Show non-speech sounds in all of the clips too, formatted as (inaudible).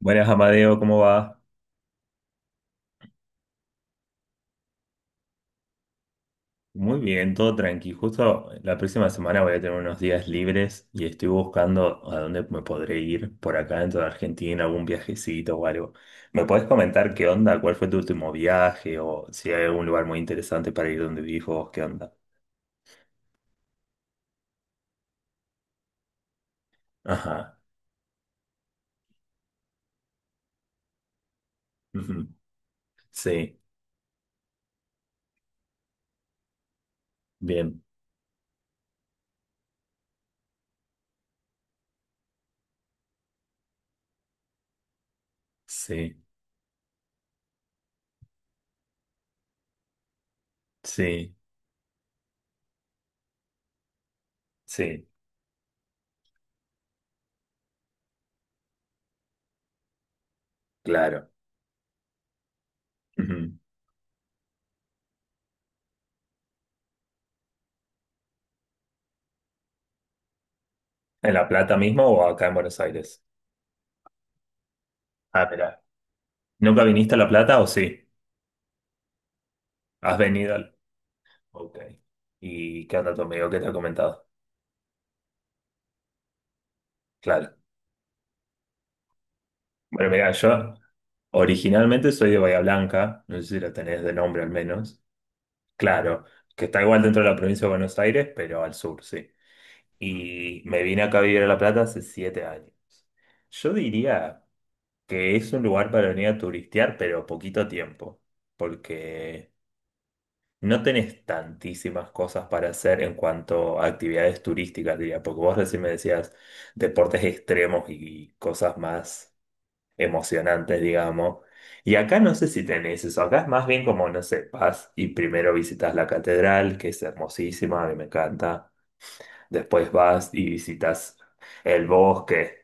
Buenas, Amadeo, ¿cómo va? Muy bien, todo tranqui. Justo la próxima semana voy a tener unos días libres y estoy buscando a dónde me podré ir por acá dentro de Argentina, algún viajecito o algo. ¿Me puedes comentar qué onda? ¿Cuál fue tu último viaje? O si hay algún lugar muy interesante para ir donde vivís vos, ¿qué onda? Ajá. Ujú. Sí, bien. Sí, sí, sí, claro. Ujú. ¿En La Plata mismo o acá en Buenos Aires? Ah, mira. ¿Nunca viniste a La Plata o sí? ¿Has venido? Ok. ¿Y qué onda tu amigo? ¿Qué te ha comentado? Claro. Bueno, mira, yo originalmente soy de Bahía Blanca, no sé si lo tenés de nombre al menos. Claro, que está igual dentro de la provincia de Buenos Aires, pero al sur, sí. Y me vine acá a vivir a La Plata hace 7 años. Yo diría que es un lugar para venir a turistear, pero poquito tiempo, porque no tenés tantísimas cosas para hacer en cuanto a actividades turísticas, diría, porque vos recién me decías deportes extremos y cosas más emocionantes, digamos. Y acá no sé si tenés eso, acá es más bien como, no sé, vas y primero visitas la catedral, que es hermosísima, a mí me encanta. Después vas y visitas el bosque.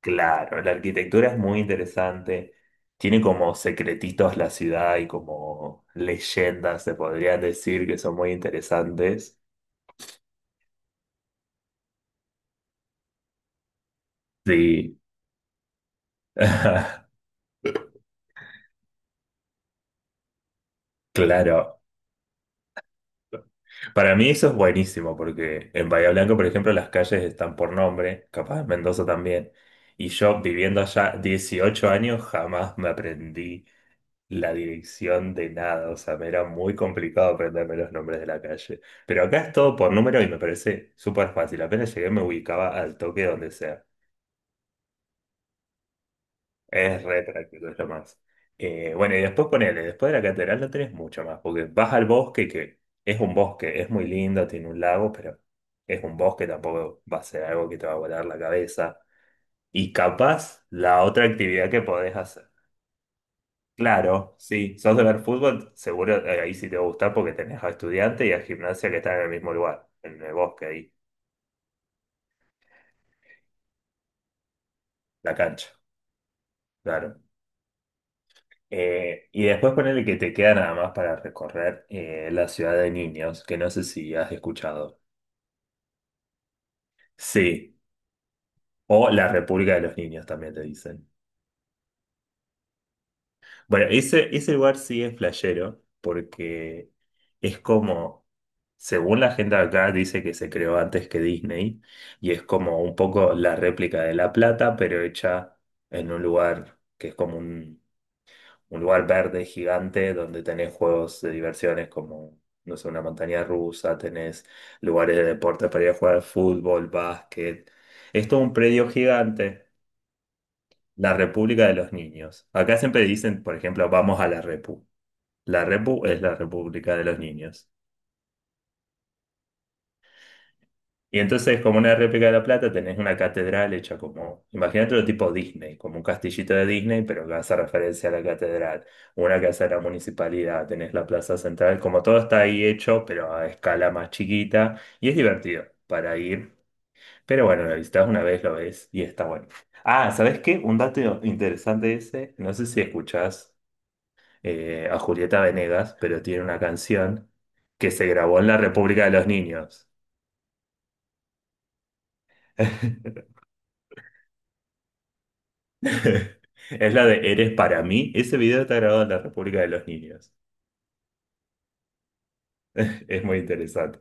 Claro, la arquitectura es muy interesante. Tiene como secretitos la ciudad y como leyendas, se podría decir, que son muy interesantes. Sí, (laughs) claro. Para mí eso es buenísimo porque en Bahía Blanca, por ejemplo, las calles están por nombre, capaz en Mendoza también. Y yo viviendo allá 18 años jamás me aprendí la dirección de nada, o sea, me era muy complicado aprenderme los nombres de la calle. Pero acá es todo por número y me parece súper fácil. Apenas llegué me ubicaba al toque donde sea. Es re práctico, es lo más. Bueno, y después ponele, después de la catedral no tenés mucho más, porque vas al bosque, que es un bosque, es muy lindo, tiene un lago, pero es un bosque, tampoco va a ser algo que te va a volar la cabeza. Y capaz la otra actividad que podés hacer. Claro, sí. Sos de ver fútbol, seguro, ahí sí te va a gustar porque tenés a estudiante y a gimnasia que están en el mismo lugar, en el bosque ahí, la cancha, claro. Y después ponele que te queda nada más para recorrer, la ciudad de niños, que no sé si has escuchado. Sí, o la República de los Niños también te dicen. Bueno, ese lugar sí es flashero, porque es como, según la gente de acá, dice que se creó antes que Disney, y es como un poco la réplica de La Plata, pero hecha en un lugar que es como un lugar verde gigante, donde tenés juegos de diversiones como, no sé, una montaña rusa, tenés lugares de deportes para ir a jugar fútbol, básquet. Es todo un predio gigante, la República de los Niños. Acá siempre dicen, por ejemplo, vamos a la Repu. La Repu es la República de los Niños. Y entonces, como una réplica de La Plata, tenés una catedral hecha como, imagínate lo tipo Disney, como un castillito de Disney, pero que hace referencia a la catedral, una que hace a la municipalidad, tenés la plaza central, como todo está ahí hecho, pero a escala más chiquita, y es divertido para ir. Pero bueno, lo visitas una vez, lo ves, y está bueno. Ah, ¿sabés qué? Un dato interesante ese, no sé si escuchás a Julieta Venegas, pero tiene una canción que se grabó en la República de los Niños. (laughs) Es la de Eres para mí. Ese video está grabado en la República de los Niños. Es muy interesante.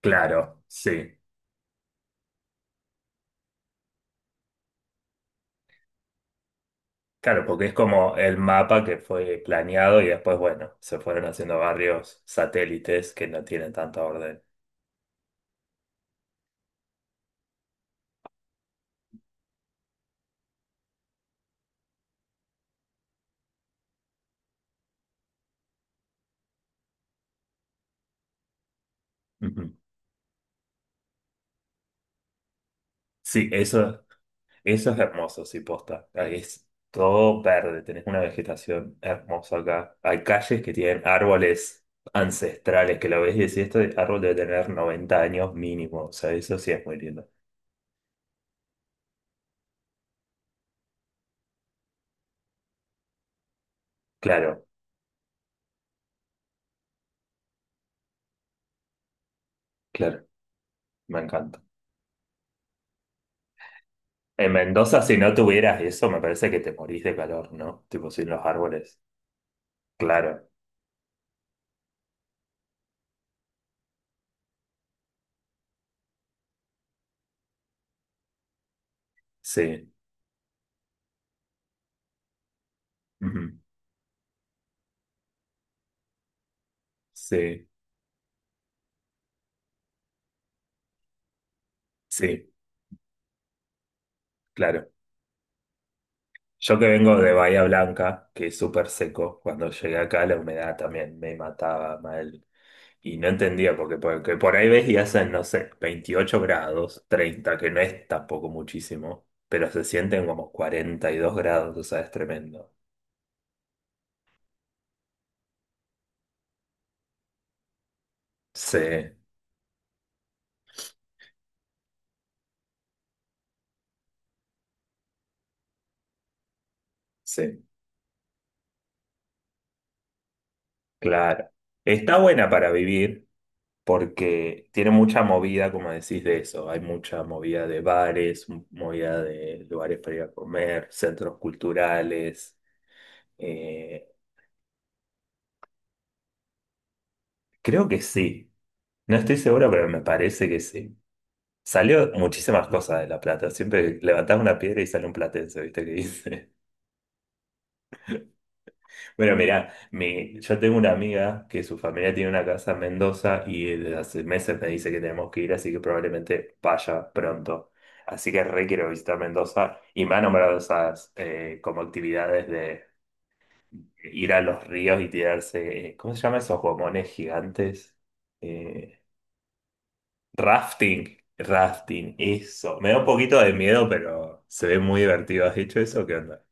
Claro, sí. Claro, porque es como el mapa que fue planeado y después, bueno, se fueron haciendo barrios satélites que no tienen tanta orden. Ujú. Sí, eso es hermoso, sí, posta. Ahí es todo verde, tenés una vegetación hermosa acá. Hay calles que tienen árboles ancestrales que lo ves y decís, este árbol debe tener 90 años mínimo. O sea, eso sí es muy lindo. Claro, claro, me encanta. En Mendoza, si no tuvieras eso, me parece que te morís de calor, ¿no? Tipo, sin los árboles. Claro, sí. Ujú. Sí, sí, claro. Yo que vengo de Bahía Blanca, que es súper seco, cuando llegué acá la humedad también me mataba mal. Y no entendía, porque por ahí ves y hacen, no sé, 28 grados, 30, que no es tampoco muchísimo, pero se sienten como 42 grados, o sea, es tremendo. Sí, sí, claro. Está buena para vivir porque tiene mucha movida, como decís, de eso. Hay mucha movida de bares, movida de lugares para ir a comer, centros culturales. Eh, Creo que sí. No estoy seguro, pero me parece que sí. Salió muchísimas cosas de La Plata. Siempre levantás una piedra y sale un platense, ¿viste qué dice? (laughs) Bueno, mirá, yo tengo una amiga que su familia tiene una casa en Mendoza y desde hace meses me dice que tenemos que ir, así que probablemente vaya pronto. Así que re quiero visitar Mendoza y me ha nombrado esas, como actividades de ir a los ríos y tirarse, ¿cómo se llama esos gomones gigantes? Eh, Rafting, rafting, eso. Me da un poquito de miedo, pero se ve muy divertido. ¿Has dicho eso? ¿Qué onda?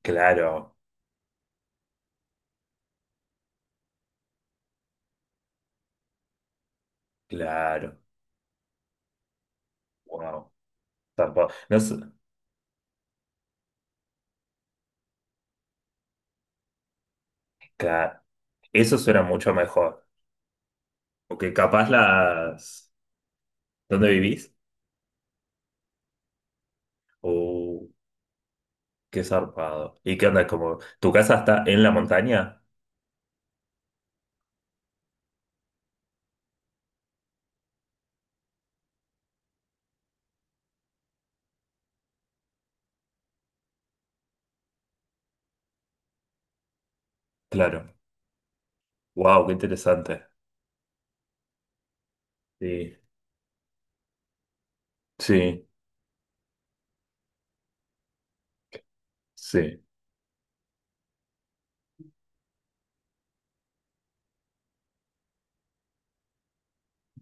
Claro, claro. Wow. Tampoco. No sé, claro. Eso suena mucho mejor. Porque capaz las. ¿Dónde vivís? Uh, qué zarpado. ¿Y qué onda? Como, ¿tu casa está en la montaña? Claro. Wow, qué interesante. Sí, sí, sí.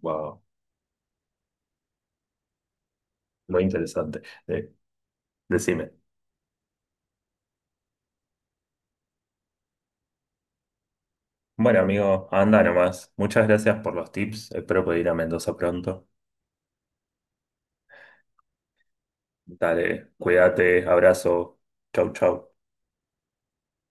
Wow, muy interesante. Eh, Decime. Bueno, amigo, anda nomás. Muchas gracias por los tips. Espero poder ir a Mendoza pronto. Dale, cuídate, abrazo. Chau, chau.